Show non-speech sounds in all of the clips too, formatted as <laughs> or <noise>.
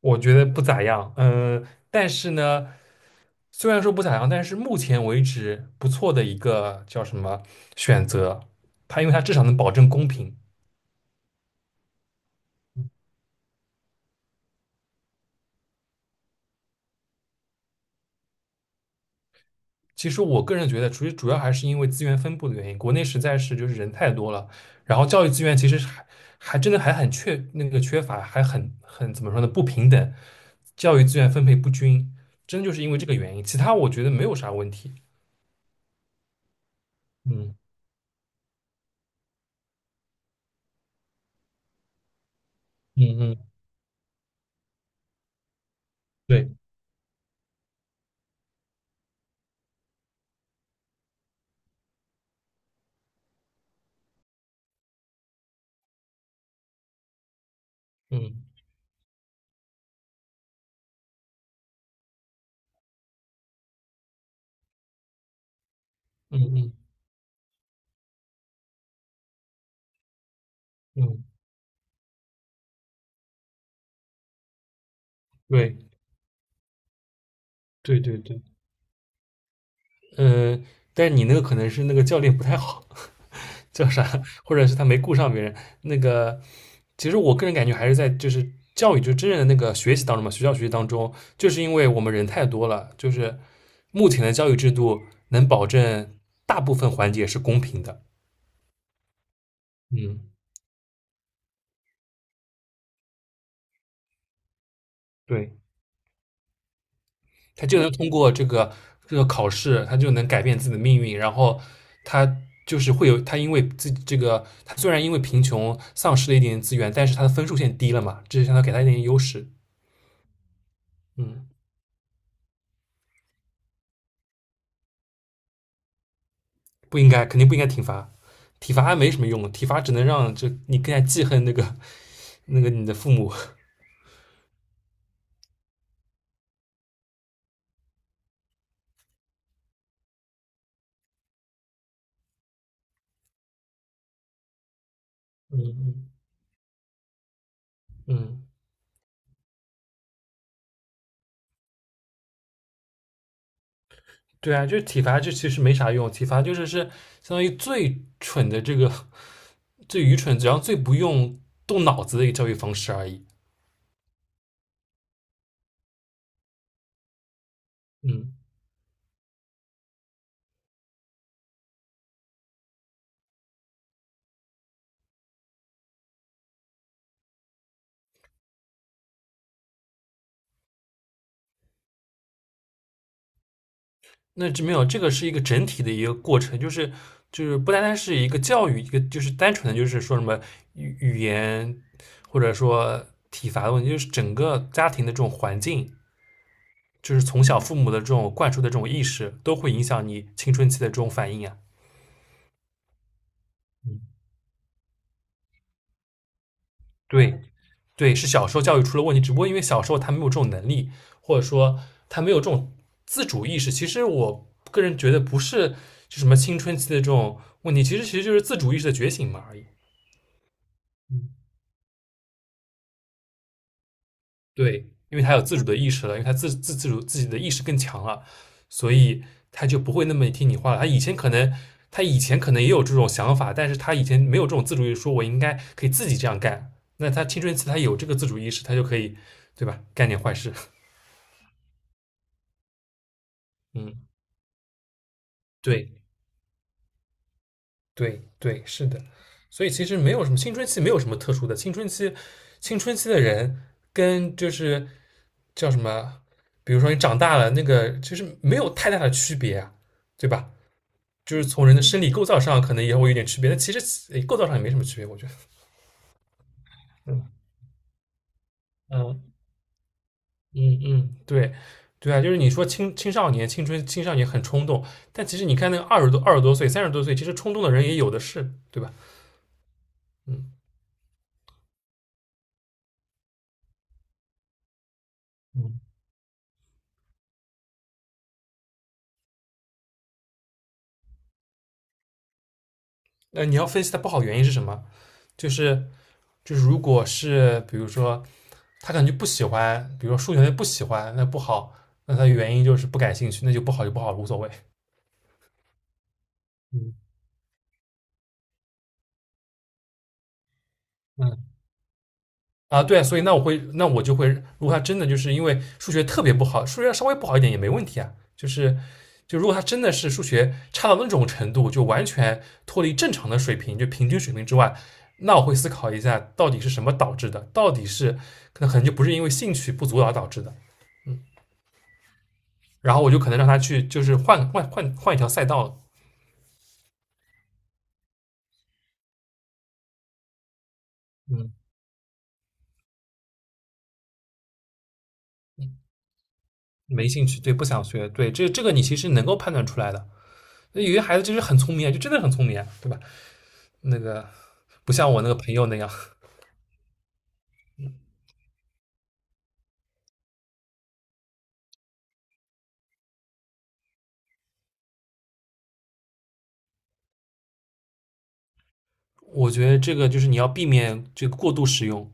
我觉得不咋样，但是呢，虽然说不咋样，但是目前为止不错的一个叫什么选择，它因为它至少能保证公平。其实我个人觉得，主要还是因为资源分布的原因，国内实在是就是人太多了，然后教育资源其实是还真的还很缺那个缺乏，还很怎么说呢不平等，教育资源分配不均，真就是因为这个原因，其他我觉得没有啥问题。嗯嗯嗯，对，嗯嗯嗯嗯，对。对对对，呃，但是你那个可能是那个教练不太好，<laughs> 叫啥，或者是他没顾上别人。那个，其实我个人感觉还是在就是教育，就真正的那个学习当中嘛，学校学习当中，就是因为我们人太多了，就是目前的教育制度能保证大部分环节是公平的。嗯，对。他就能通过这个考试，他就能改变自己的命运。然后他就是会有他因为自己这个，他虽然因为贫穷丧失了一点资源，但是他的分数线低了嘛，这就相当于给他一点优势。嗯，不应该，肯定不应该体罚，体罚没什么用，体罚只能让这你更加记恨那个你的父母。嗯嗯嗯，对啊，就是体罚，这其实没啥用，体罚就是相当于最蠢的这个最愚蠢，然后最不用动脑子的一个教育方式而已。嗯。那这没有，这个是一个整体的一个过程，就是就是不单单是一个教育，一个就是单纯的就是说什么语言或者说体罚的问题，就是整个家庭的这种环境，就是从小父母的这种灌输的这种意识，都会影响你青春期的这种反应啊。嗯，对对，是小时候教育出了问题，只不过因为小时候他没有这种能力，或者说他没有这种自主意识。其实我个人觉得不是就什么青春期的这种问题，其实就是自主意识的觉醒嘛而已。嗯，对，因为他有自主的意识了，因为他自主自己的意识更强了，所以他就不会那么听你话了。他以前可能，他以前可能也有这种想法，但是他以前没有这种自主意识，说我应该可以自己这样干。那他青春期他有这个自主意识，他就可以，对吧？干点坏事。<laughs> 嗯，对对对，是的。所以其实没有什么青春期，没有什么特殊的。青春期，青春期的人跟就是叫什么？比如说你长大了，那个其实没有太大的区别啊，对吧？就是从人的生理构造上可能也会有点区别，但其实诶构造上也没什么区别，我觉得。嗯嗯嗯，对对啊，就是你说青少年、青春、青少年很冲动，但其实你看那个二十多、二十多岁、三十多岁，其实冲动的人也有的是，对吧？嗯嗯，那你要分析它不好原因是什么？就是就是如果是比如说他可能就不喜欢，比如说数学他就不喜欢，那不好，那他原因就是不感兴趣，那就不好就不好，无所谓。嗯嗯啊，对，所以那我会，那我就会，如果他真的就是因为数学特别不好，数学稍微不好一点也没问题啊，就是就如果他真的是数学差到那种程度，就完全脱离正常的水平，就平均水平之外。那我会思考一下，到底是什么导致的？到底是可能就不是因为兴趣不足而导致的，然后我就可能让他去，就是换一条赛道，嗯，没兴趣，对，不想学，对，这个你其实能够判断出来的。有些孩子就是很聪明啊，就真的很聪明啊，对吧？那个不像我那个朋友那样，我觉得这个就是你要避免这个过度使用。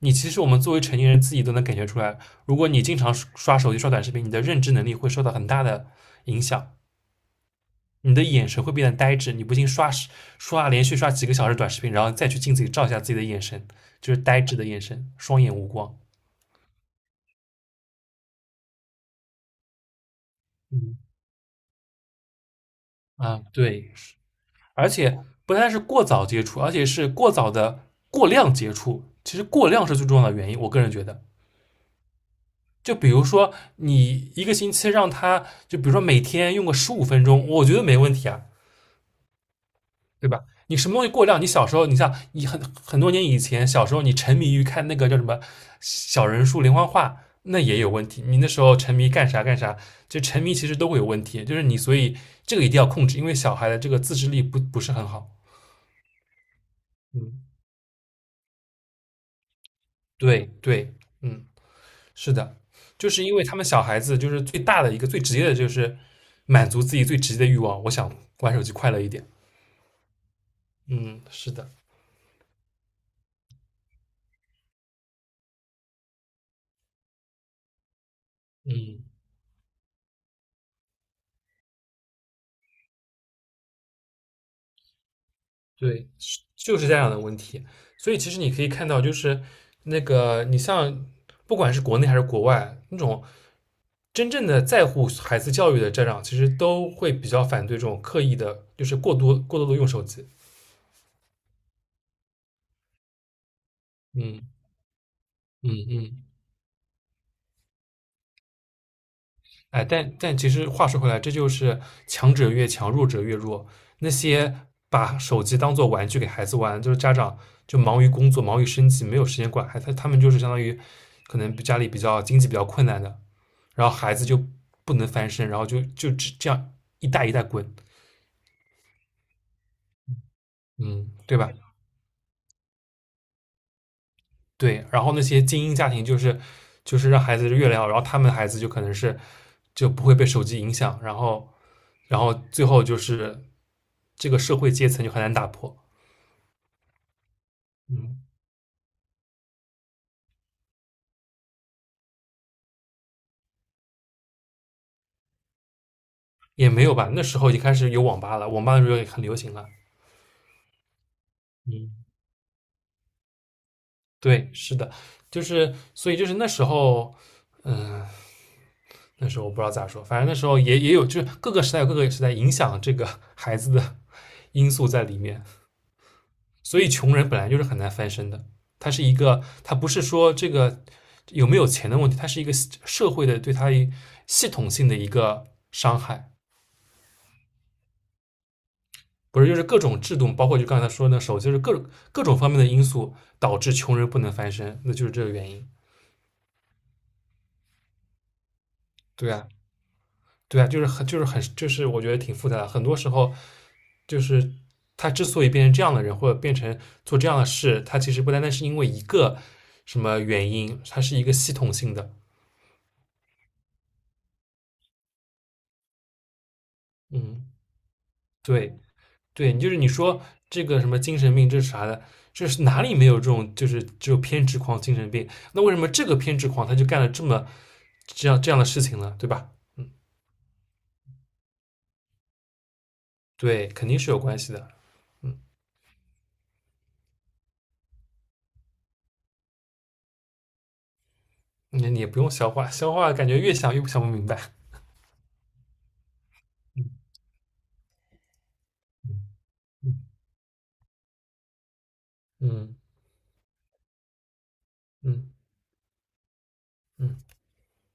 你其实我们作为成年人自己都能感觉出来，如果你经常刷手机、刷短视频，你的认知能力会受到很大的影响。你的眼神会变得呆滞。你不信连续刷几个小时短视频，然后再去镜子里照一下自己的眼神，就是呆滞的眼神，双眼无光。嗯啊，对，而且不但是过早接触，而且是过早的过量接触。其实过量是最重要的原因，我个人觉得。就比如说，你一个星期让他，就比如说每天用个十五分钟，我觉得没问题啊。对吧？你什么东西过量？你小时候，你像你很多年以前，小时候你沉迷于看那个叫什么小人书连环画，那也有问题。你那时候沉迷干啥干啥，就沉迷其实都会有问题。就是你，所以这个一定要控制，因为小孩的这个自制力不是很好。嗯，对对，嗯，是的，就是因为他们小孩子就是最大的一个最直接的就是满足自己最直接的欲望，我想玩手机快乐一点。嗯，是的，嗯。对，是就是家长的问题。所以其实你可以看到，就是那个你像不管是国内还是国外，那种真正的在乎孩子教育的家长，其实都会比较反对这种刻意的，就是过多的用手机。嗯嗯嗯，哎，但但其实话说回来，这就是强者越强，弱者越弱。那些把手机当做玩具给孩子玩，就是家长就忙于工作，忙于生计，没有时间管孩子，他们就是相当于可能家里比较经济比较困难的，然后孩子就不能翻身，然后就只这样一代一代滚，嗯，对吧？对，然后那些精英家庭就是让孩子越来越好，然后他们的孩子就可能是就不会被手机影响，然后然后最后就是这个社会阶层就很难打破，嗯，也没有吧？那时候已经开始有网吧了，网吧的时候也很流行了，嗯，对，是的，就是所以就是那时候，嗯、那时候我不知道咋说，反正那时候也有，就是各个时代有各个时代影响这个 <laughs> 孩子的 <laughs> 因素在里面，所以穷人本来就是很难翻身的。他是一个，他不是说这个有没有钱的问题，它是一个社会的对他系统性的一个伤害，不是就是各种制度，包括就刚才说那手，就是各种方面的因素导致穷人不能翻身，那就是这个原因。对啊，对啊，就是很就是很就是我觉得挺复杂的，很多时候就是他之所以变成这样的人，或者变成做这样的事，他其实不单单是因为一个什么原因，它是一个系统性的。嗯，对对，你就是你说这个什么精神病，这是啥的？这是哪里没有这种就是只有偏执狂、精神病？那为什么这个偏执狂他就干了这么这样这样的事情呢？对吧？对，肯定是有关系的。嗯，你你也不用消化，消化感觉越想越不想不明白。嗯嗯。嗯嗯嗯。